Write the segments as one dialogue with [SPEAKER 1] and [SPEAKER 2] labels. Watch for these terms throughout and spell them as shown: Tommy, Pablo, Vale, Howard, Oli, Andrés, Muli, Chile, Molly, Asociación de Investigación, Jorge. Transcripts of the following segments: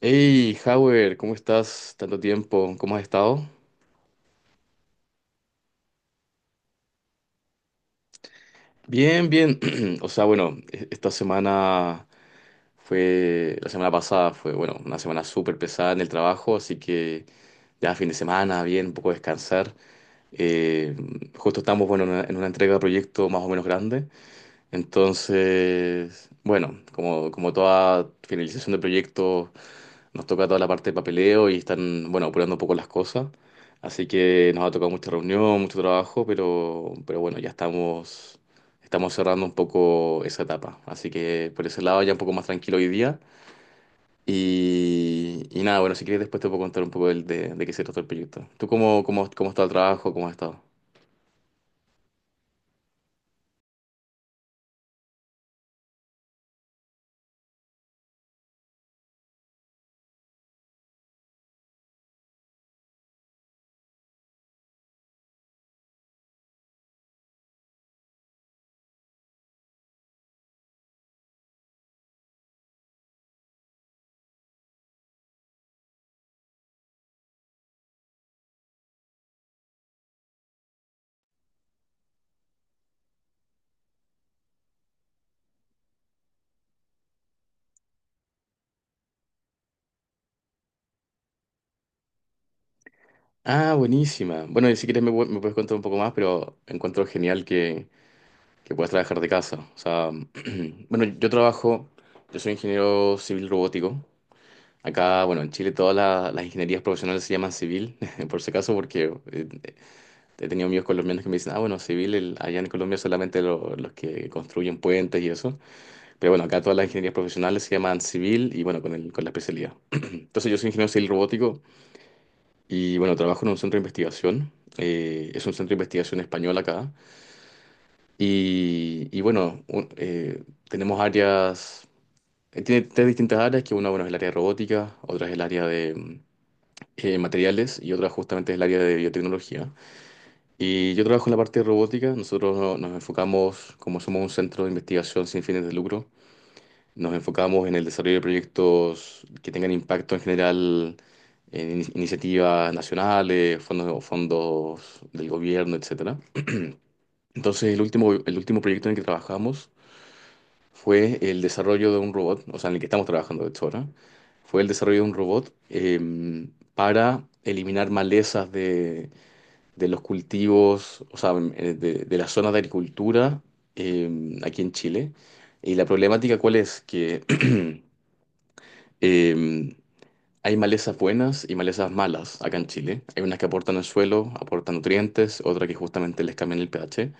[SPEAKER 1] Hey, Howard, ¿cómo estás? Tanto tiempo, ¿cómo has estado? Bien, bien. O sea, bueno, la semana pasada fue, bueno, una semana súper pesada en el trabajo, así que ya fin de semana, bien, un poco descansar. Eh, Justo estamos, bueno, en una entrega de proyecto más o menos grande. Entonces, bueno, como toda finalización de proyecto, nos toca toda la parte de papeleo y están, bueno, apurando un poco las cosas. Así que nos ha tocado mucha reunión, mucho trabajo, pero, bueno, ya estamos cerrando un poco esa etapa. Así que por ese lado ya un poco más tranquilo hoy día. y nada, bueno, si quieres después te puedo contar un poco de qué se trata el proyecto. ¿Tú cómo está el trabajo? ¿Cómo has estado? Ah, buenísima. Bueno, y si quieres me puedes contar un poco más, pero encuentro genial que puedas trabajar de casa. O sea, bueno, yo soy ingeniero civil robótico. Acá, bueno, en Chile todas las ingenierías profesionales se llaman civil, por si acaso, porque he tenido amigos colombianos que me dicen, ah, bueno, civil, allá en Colombia solamente los que construyen puentes y eso. Pero bueno, acá todas las ingenierías profesionales se llaman civil y bueno, con la especialidad. Entonces yo soy ingeniero civil robótico y bueno, trabajo en un centro de investigación. Es un centro de investigación español acá. Y bueno, tenemos áreas, tiene tres distintas áreas, que una, bueno, es el área de robótica, otra es el área de materiales y otra justamente es el área de biotecnología. Y yo trabajo en la parte de robótica, nosotros nos enfocamos, como somos un centro de investigación sin fines de lucro, nos enfocamos en el desarrollo de proyectos que tengan impacto en general en iniciativas nacionales, fondos del gobierno, etcétera. Entonces, el último proyecto en el que trabajamos fue el desarrollo de un robot, o sea, en el que estamos trabajando de hecho ahora, fue el desarrollo de un robot para eliminar malezas de los cultivos, o sea, de las zonas de agricultura aquí en Chile. Y la problemática, ¿cuál es? Que eh, hay malezas buenas y malezas malas acá en Chile. Hay unas que aportan al suelo, aportan nutrientes, otras que justamente les cambian el pH.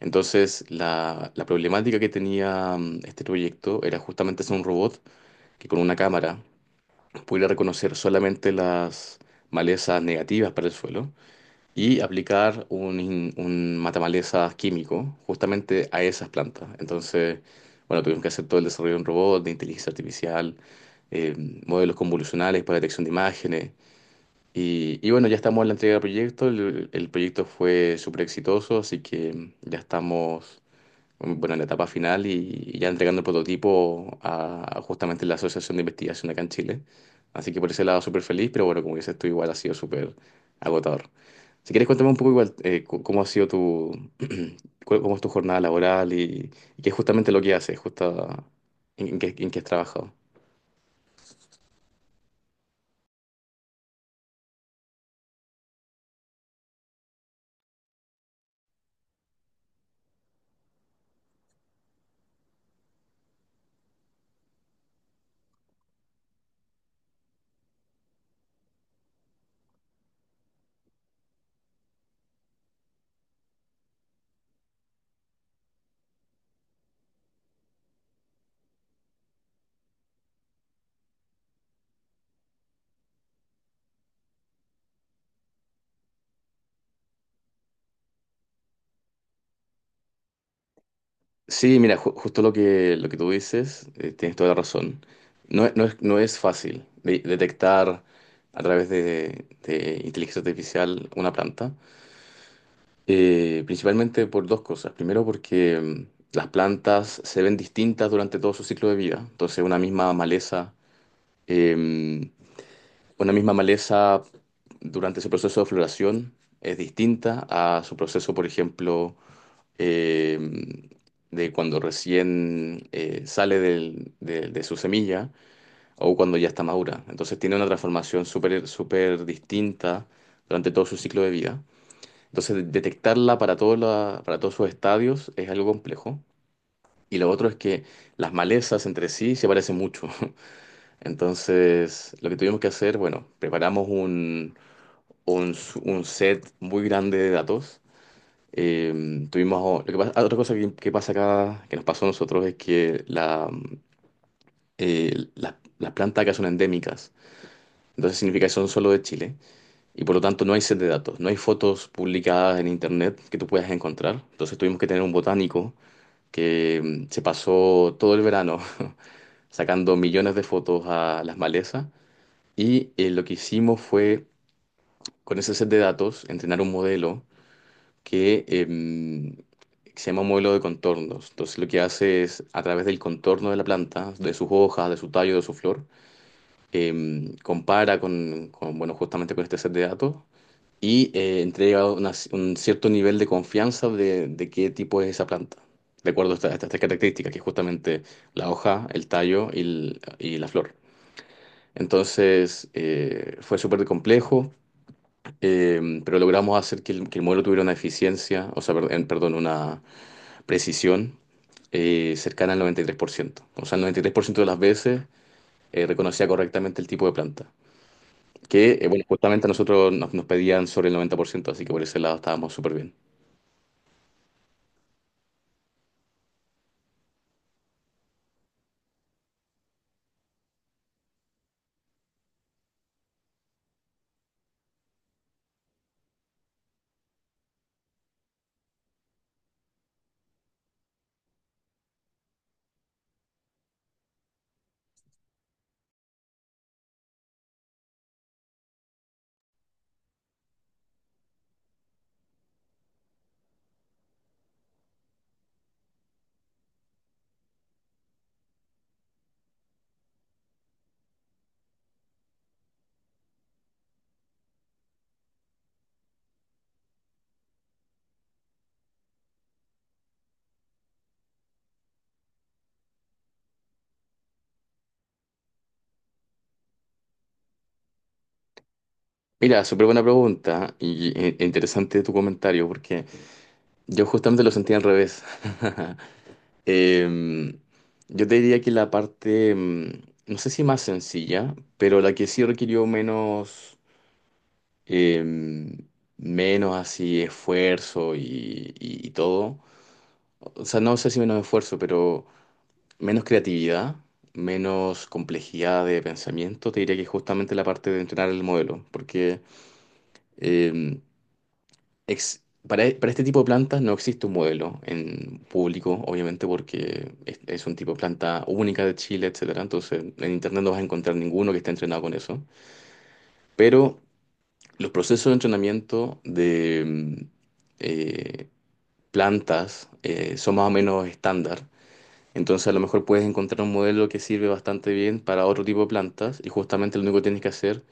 [SPEAKER 1] Entonces, la problemática que tenía este proyecto era justamente hacer un robot que con una cámara pudiera reconocer solamente las malezas negativas para el suelo y aplicar un matamalezas químico justamente a esas plantas. Entonces, bueno, tuvimos que hacer todo el desarrollo de un robot, de inteligencia artificial, eh, modelos convolucionales para detección de imágenes. y, bueno, ya estamos en la entrega del proyecto, el proyecto fue súper exitoso, así que ya estamos, bueno, en la etapa final y ya entregando el prototipo a justamente la Asociación de Investigación acá en Chile. Así que por ese lado súper feliz, pero bueno, como dices tú, igual ha sido súper agotador. Si quieres, cuéntame un poco igual, cómo ha sido tu, cómo es tu jornada laboral y qué es justamente lo que haces, justo en qué has trabajado. Sí, mira, justo lo que tú dices, tienes toda la razón. No, es, no es no es fácil detectar a través de inteligencia artificial una planta. Principalmente por dos cosas. Primero porque las plantas se ven distintas durante todo su ciclo de vida. Entonces eh, una misma maleza durante su proceso de floración es distinta a su proceso, por ejemplo, eh, de cuando recién sale de su semilla o cuando ya está madura. Entonces tiene una transformación súper súper distinta durante todo su ciclo de vida. Entonces, de- detectarla para todos para todos sus estadios es algo complejo. Y lo otro es que las malezas entre sí se parecen mucho. Entonces, lo que tuvimos que hacer, bueno, preparamos un set muy grande de datos. Tuvimos, oh, lo que pasa- otra cosa que pasa acá, que nos pasó a nosotros, es que las plantas acá son endémicas. Entonces significa que son solo de Chile. Y por lo tanto no hay set de datos, no hay fotos publicadas en internet que tú puedas encontrar. Entonces tuvimos que tener un botánico que se pasó todo el verano sacando millones de fotos a las malezas y lo que hicimos fue, con ese set de datos, entrenar un modelo que se llama un modelo de contornos. Entonces lo que hace es, a través del contorno de la planta, de sus hojas, de su tallo, de su flor, compara bueno, justamente con este set de datos y entrega un cierto nivel de confianza de, qué tipo es esa planta, de acuerdo a estas tres características, que es justamente la hoja, el tallo y la flor. Entonces, fue súper complejo, pero logramos hacer que el modelo tuviera una eficiencia, o sea, perdón, una precisión cercana al 93%. O sea, el 93% de las veces reconocía correctamente el tipo de planta, que, bueno, justamente a nosotros nos pedían sobre el 90%, así que por ese lado estábamos súper bien. Mira, súper buena pregunta y e- e interesante tu comentario porque yo justamente lo sentía al revés. Em, yo te diría que la parte, no sé si más sencilla, pero la que sí requirió menos, em, menos así esfuerzo y todo. O sea, no sé si menos esfuerzo, pero menos creatividad, menos complejidad de pensamiento, te diría que justamente la parte de entrenar el modelo, porque em, para este tipo de plantas no existe un modelo en público, obviamente, porque es un tipo de planta única de Chile, etcétera. Entonces, en internet no vas a encontrar ninguno que esté entrenado con eso. Pero los procesos de entrenamiento de eh, plantas son más o menos estándar. Entonces, a lo mejor puedes encontrar un modelo que sirve bastante bien para otro tipo de plantas y justamente lo único que tienes que hacer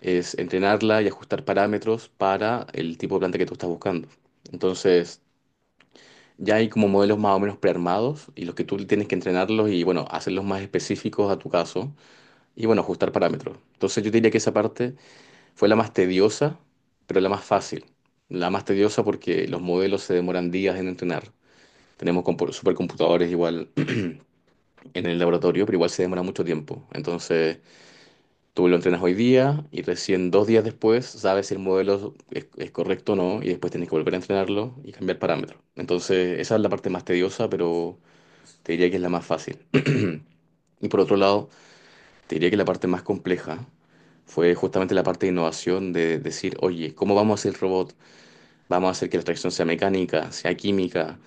[SPEAKER 1] es entrenarla y ajustar parámetros para el tipo de planta que tú estás buscando. Entonces, ya hay como modelos más o menos prearmados y los que tú tienes que entrenarlos y, bueno, hacerlos más específicos a tu caso y, bueno, ajustar parámetros. Entonces yo diría que esa parte fue la más tediosa, pero la más fácil. La más tediosa porque los modelos se demoran días en entrenar. Tenemos supercomputadores igual en el laboratorio, pero igual se demora mucho tiempo. Entonces tú lo entrenas hoy día y recién 2 días después sabes si el modelo es correcto o no y después tienes que volver a entrenarlo y cambiar parámetros. Entonces esa es la parte más tediosa, pero te diría que es la más fácil. Y por otro lado, te diría que la parte más compleja fue justamente la parte de innovación, de decir, oye, ¿cómo vamos a hacer el robot? Vamos a hacer que la tracción sea mecánica, sea química,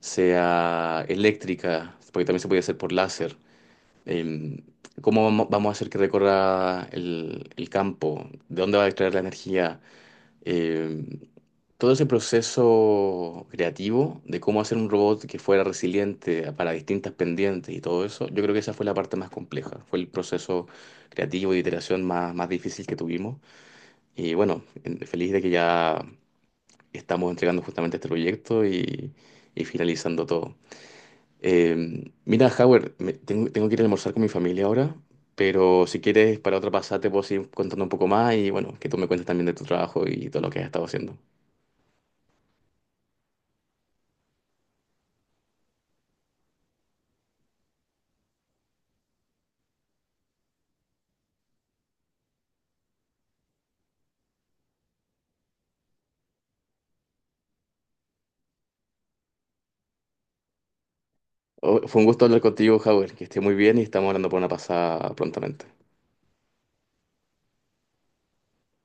[SPEAKER 1] sea eléctrica, porque también se puede hacer por láser. Em, ¿Cómo vamos a hacer que recorra el campo? ¿De dónde va a extraer la energía? Em, Todo ese proceso creativo de cómo hacer un robot que fuera resiliente para distintas pendientes y todo eso, yo creo que esa fue la parte más compleja. Fue el proceso creativo y de iteración más difícil que tuvimos. Y bueno, feliz de que ya estamos entregando justamente este proyecto y finalizando todo. Mira, Howard, tengo que ir a almorzar con mi familia ahora, pero si quieres, para otra pasada te puedo seguir contando un poco más y, bueno, que tú me cuentes también de tu trabajo y todo lo que has estado haciendo. Oh, fue un gusto hablar contigo, Howard. Que esté muy bien y estamos hablando por una pasada prontamente.